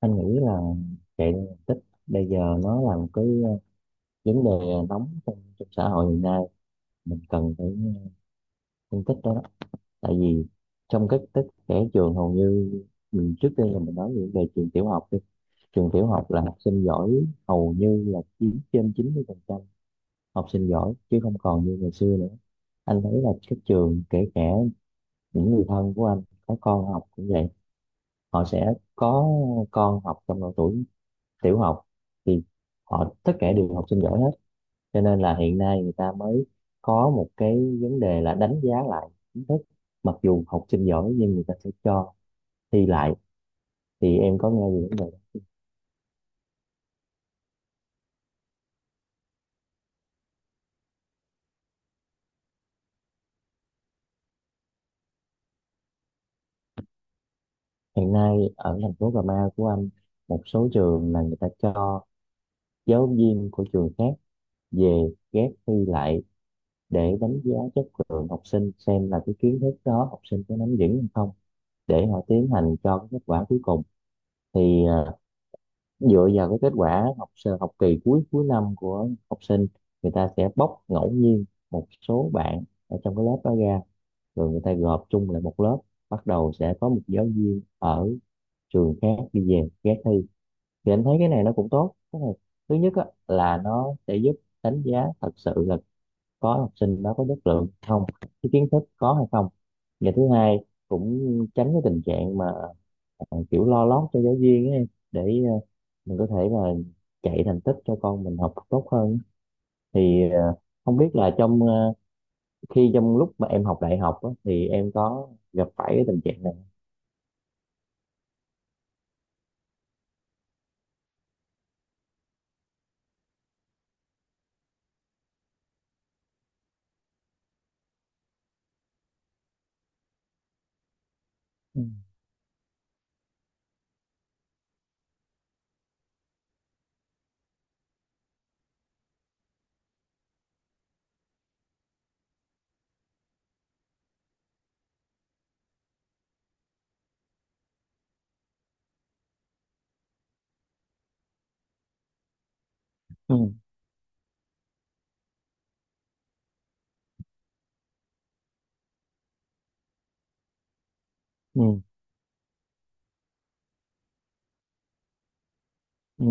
Anh nghĩ là chạy đua thành tích bây giờ nó là một cái vấn đề nóng trong xã hội hiện nay. Mình cần phải phân tích đó. Tại vì trong các tích trẻ trường hầu như mình trước đây là mình nói về về trường tiểu học đi. Trường tiểu học là học sinh giỏi hầu như là chiếm trên 90% học sinh giỏi, chứ không còn như ngày xưa nữa. Anh thấy là các trường, kể cả những người thân của anh có con học cũng vậy, họ sẽ có con học trong độ tuổi tiểu học thì họ tất cả đều học sinh giỏi hết. Cho nên là hiện nay người ta mới có một cái vấn đề là đánh giá lại kiến thức. Mặc dù học sinh giỏi nhưng người ta sẽ cho thi lại, thì em có nghe về vấn đề đó. Hiện nay ở thành phố Cà Mau của anh, một số trường là người ta cho giáo viên của trường khác về ghép thi lại để đánh giá chất lượng học sinh, xem là cái kiến thức đó học sinh có nắm vững hay không, để họ tiến hành cho cái kết quả cuối cùng. Thì dựa vào cái kết quả học kỳ cuối cuối năm của học sinh, người ta sẽ bóc ngẫu nhiên một số bạn ở trong cái lớp đó ra, rồi người ta gộp chung lại một lớp, bắt đầu sẽ có một giáo viên ở trường khác đi về ghé thi. Thì anh thấy cái này nó cũng tốt. Cái này thứ nhất á, là nó sẽ giúp đánh giá thật sự là có học sinh đó có chất lượng không, cái kiến thức có hay không. Và thứ hai cũng tránh cái tình trạng mà kiểu lo lót cho giáo viên ấy, để ờ, mình có thể là chạy thành tích cho con mình học tốt hơn. Thì không biết là khi trong lúc mà em học đại học á, thì em có gặp phải cái tình trạng này. Ừ, ừ, ừ, ừ,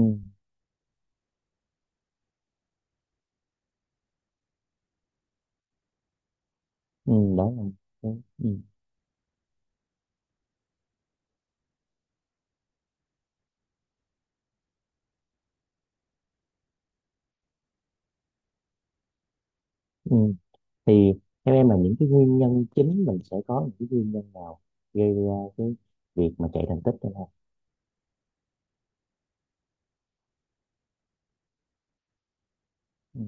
ừ, đó là ừ, ừ. Ừ. Thì theo em là những cái nguyên nhân chính, mình sẽ có những cái nguyên nhân nào gây ra cái việc mà chạy thành tích hay không? Ừ,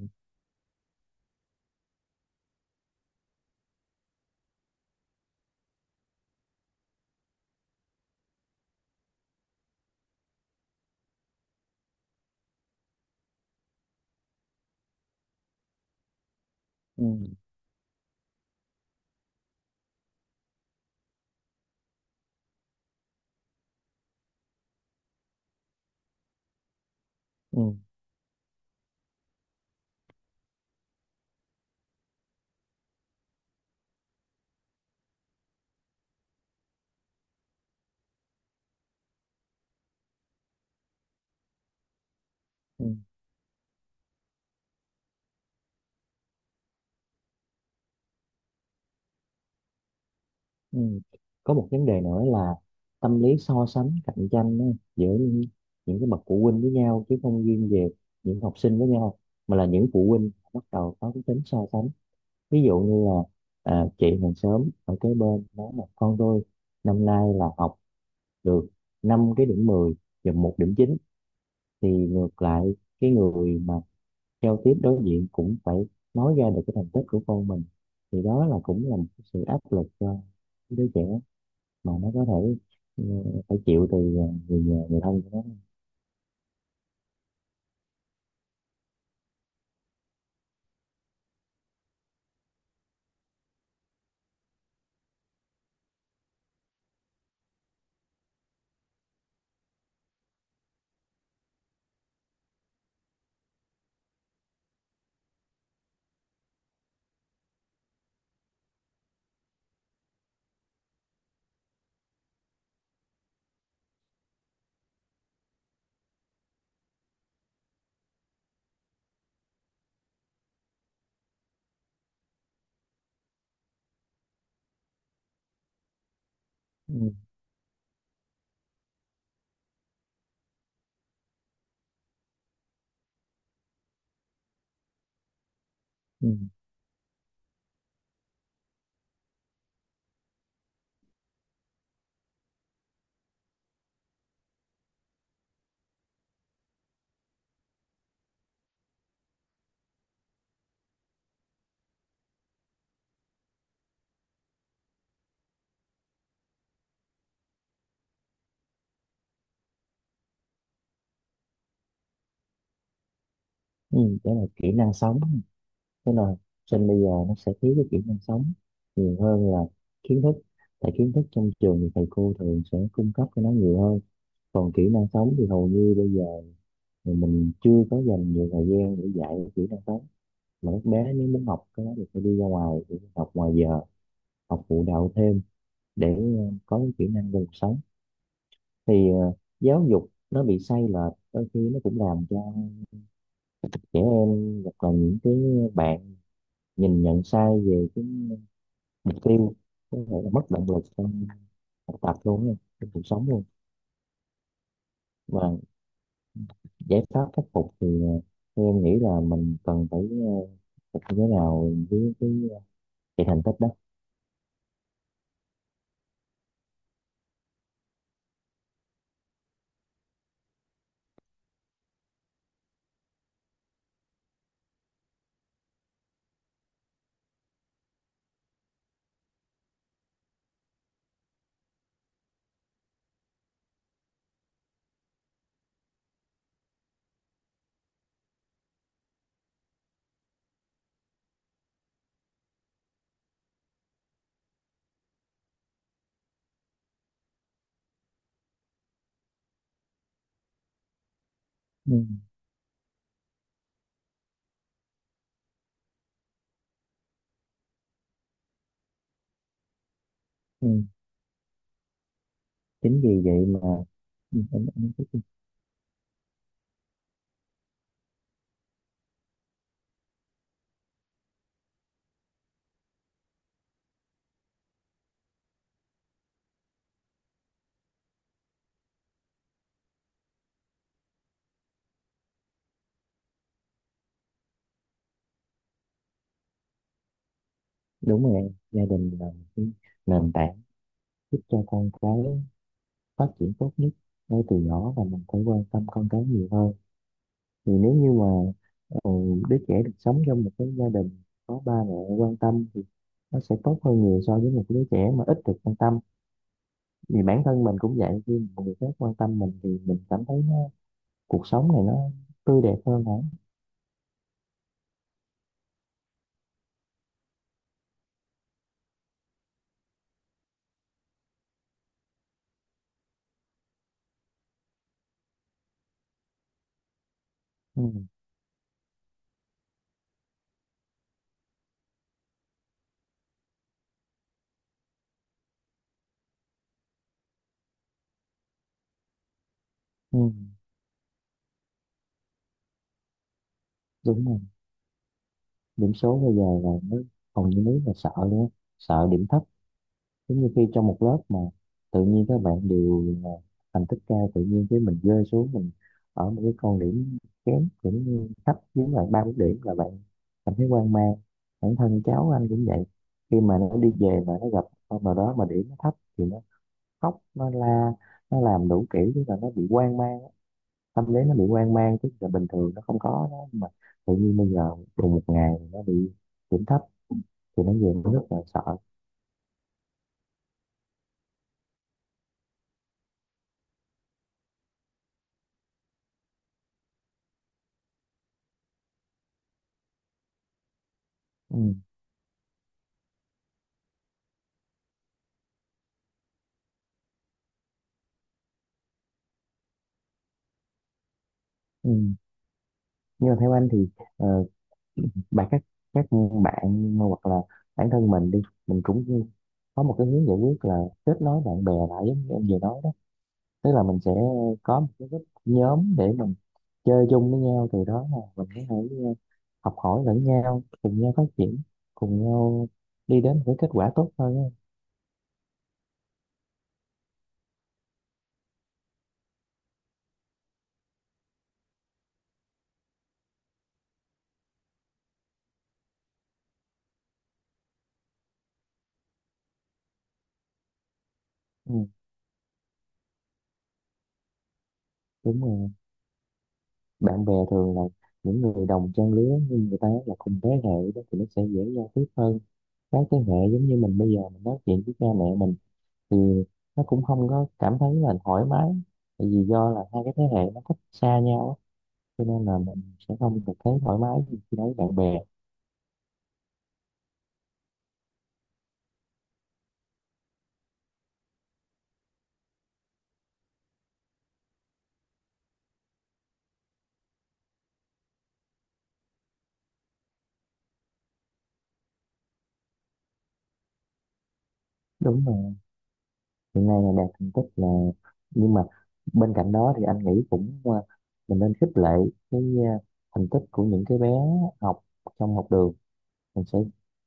ừ, ừ. Ừ. Có một vấn đề nữa là tâm lý so sánh cạnh tranh á, giữa những, những cái bậc phụ huynh với nhau, chứ không riêng về những học sinh với nhau, mà là những phụ huynh bắt đầu có cái tính so sánh. Ví dụ như là à, chị hàng xóm ở kế bên nói là con tôi năm nay là học được 5 cái điểm 10 và 1 điểm 9, thì ngược lại cái người mà giao tiếp đối diện cũng phải nói ra được cái thành tích của con mình. Thì đó là cũng là một cái sự áp lực cho đứa trẻ mà nó có thể ừ, phải chịu từ người nhà người thân của nó. Ừ, ừ, ừ. Đó là kỹ năng sống. Thế là sinh bây giờ nó sẽ thiếu cái kỹ năng sống nhiều hơn là kiến thức. Tại kiến thức trong trường thì thầy cô thường sẽ cung cấp cho nó nhiều hơn, còn kỹ năng sống thì hầu như bây giờ thì mình chưa có dành nhiều thời gian để dạy kỹ năng sống, mà các bé nếu muốn học cái đó thì phải đi ra ngoài để học ngoài giờ, học phụ đạo thêm để có cái kỹ năng về cuộc sống. Thì giáo dục nó bị sai lệch đôi khi nó cũng làm cho trẻ em hoặc là những cái bạn nhìn nhận sai về cái mục tiêu, có thể là mất động lực trong học tập luôn á, trong cuộc sống luôn. Và giải pháp khắc phục thì theo em nghĩ là mình cần phải phục như thế nào với cái cái thành tích đó? Ừ. Ừ. Chính vì vậy mà ừ, em... Đúng rồi em. Gia đình là một cái nền tảng giúp cho con cái phát triển tốt nhất ngay từ nhỏ, và mình phải quan tâm con cái nhiều hơn. Thì nếu như mà ờ, đứa trẻ được sống trong một cái gia đình có ba mẹ quan tâm thì nó sẽ tốt hơn nhiều so với một đứa trẻ mà ít được quan tâm. Vì bản thân mình cũng vậy, khi một người khác quan tâm mình thì mình cảm thấy nó, cuộc sống này nó tươi đẹp hơn, hả? Ừ, ừ, đúng rồi. Điểm số bây giờ là nó hầu như nếu là sợ nữa, sợ điểm thấp. Giống như khi trong một lớp mà tự nhiên các bạn đều là thành tích cao, tự nhiên cái mình rơi xuống, mình ở một cái con điểm kém cũng như thấp, giống bạn ba bốn điểm là bạn cảm thấy hoang mang. Bản thân cháu anh cũng vậy, khi mà nó đi về mà nó gặp con nào đó mà điểm nó thấp thì nó khóc, nó la, nó làm đủ kiểu, tức là nó bị hoang mang. Tâm lý nó bị hoang mang, tức là bình thường nó không có đó. Nhưng mà tự nhiên bây giờ cùng một ngày nó bị điểm thấp thì nó về nó rất là sợ. Ừ. Ừ. Nhưng mà theo anh thì ờ, bạn các bạn hoặc là bản thân mình đi, mình cũng có một cái hướng giải quyết là kết nối bạn bè lại, giống như em vừa nói đó. Tức là mình sẽ có một cái group nhóm để mình chơi chung với nhau, từ đó là mình có thể học hỏi lẫn nhau, cùng nhau phát triển, cùng nhau đi đến với kết quả tốt hơn á. Ừ, đúng rồi. Bạn bè thường là những người đồng trang lứa, nhưng người ta là cùng thế hệ đó thì nó sẽ dễ giao tiếp hơn các thế hệ. Giống như mình bây giờ mình nói chuyện với cha mẹ mình thì nó cũng không có cảm thấy là thoải mái, tại vì do là hai cái thế hệ nó cách xa nhau á, cho nên là mình sẽ không được thấy thoải mái như khi nói bạn bè. Đúng rồi. Hiện nay là đạt thành tích là, nhưng mà bên cạnh đó thì anh nghĩ cũng à, mình nên khích lệ cái à, thành tích của những cái bé học trong học đường. Mình sẽ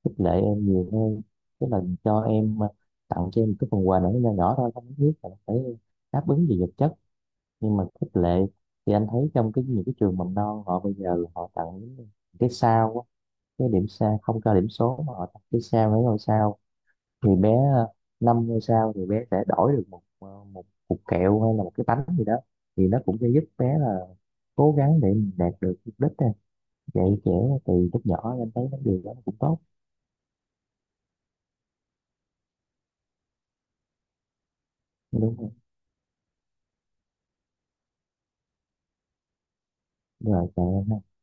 khích lệ em nhiều hơn, tức là cho em à, tặng cho em một cái phần quà nhỏ nhỏ nhỏ thôi, không nhất thiết là phải đáp ứng gì vật chất, nhưng mà khích lệ. Thì anh thấy trong cái những cái trường mầm non họ bây giờ là họ tặng những cái sao á, cái điểm sao, không cho điểm số mà họ tặng cái sao, mấy ngôi sao. Thì bé 5 ngôi sao thì bé sẽ đổi được một cục kẹo hay là một cái bánh gì đó. Thì nó cũng sẽ giúp bé là cố gắng để mình đạt được mục đích này. Dạy trẻ từ lúc nhỏ em thấy vấn điều đó cũng tốt, đúng không? Đúng rồi, trời ơi,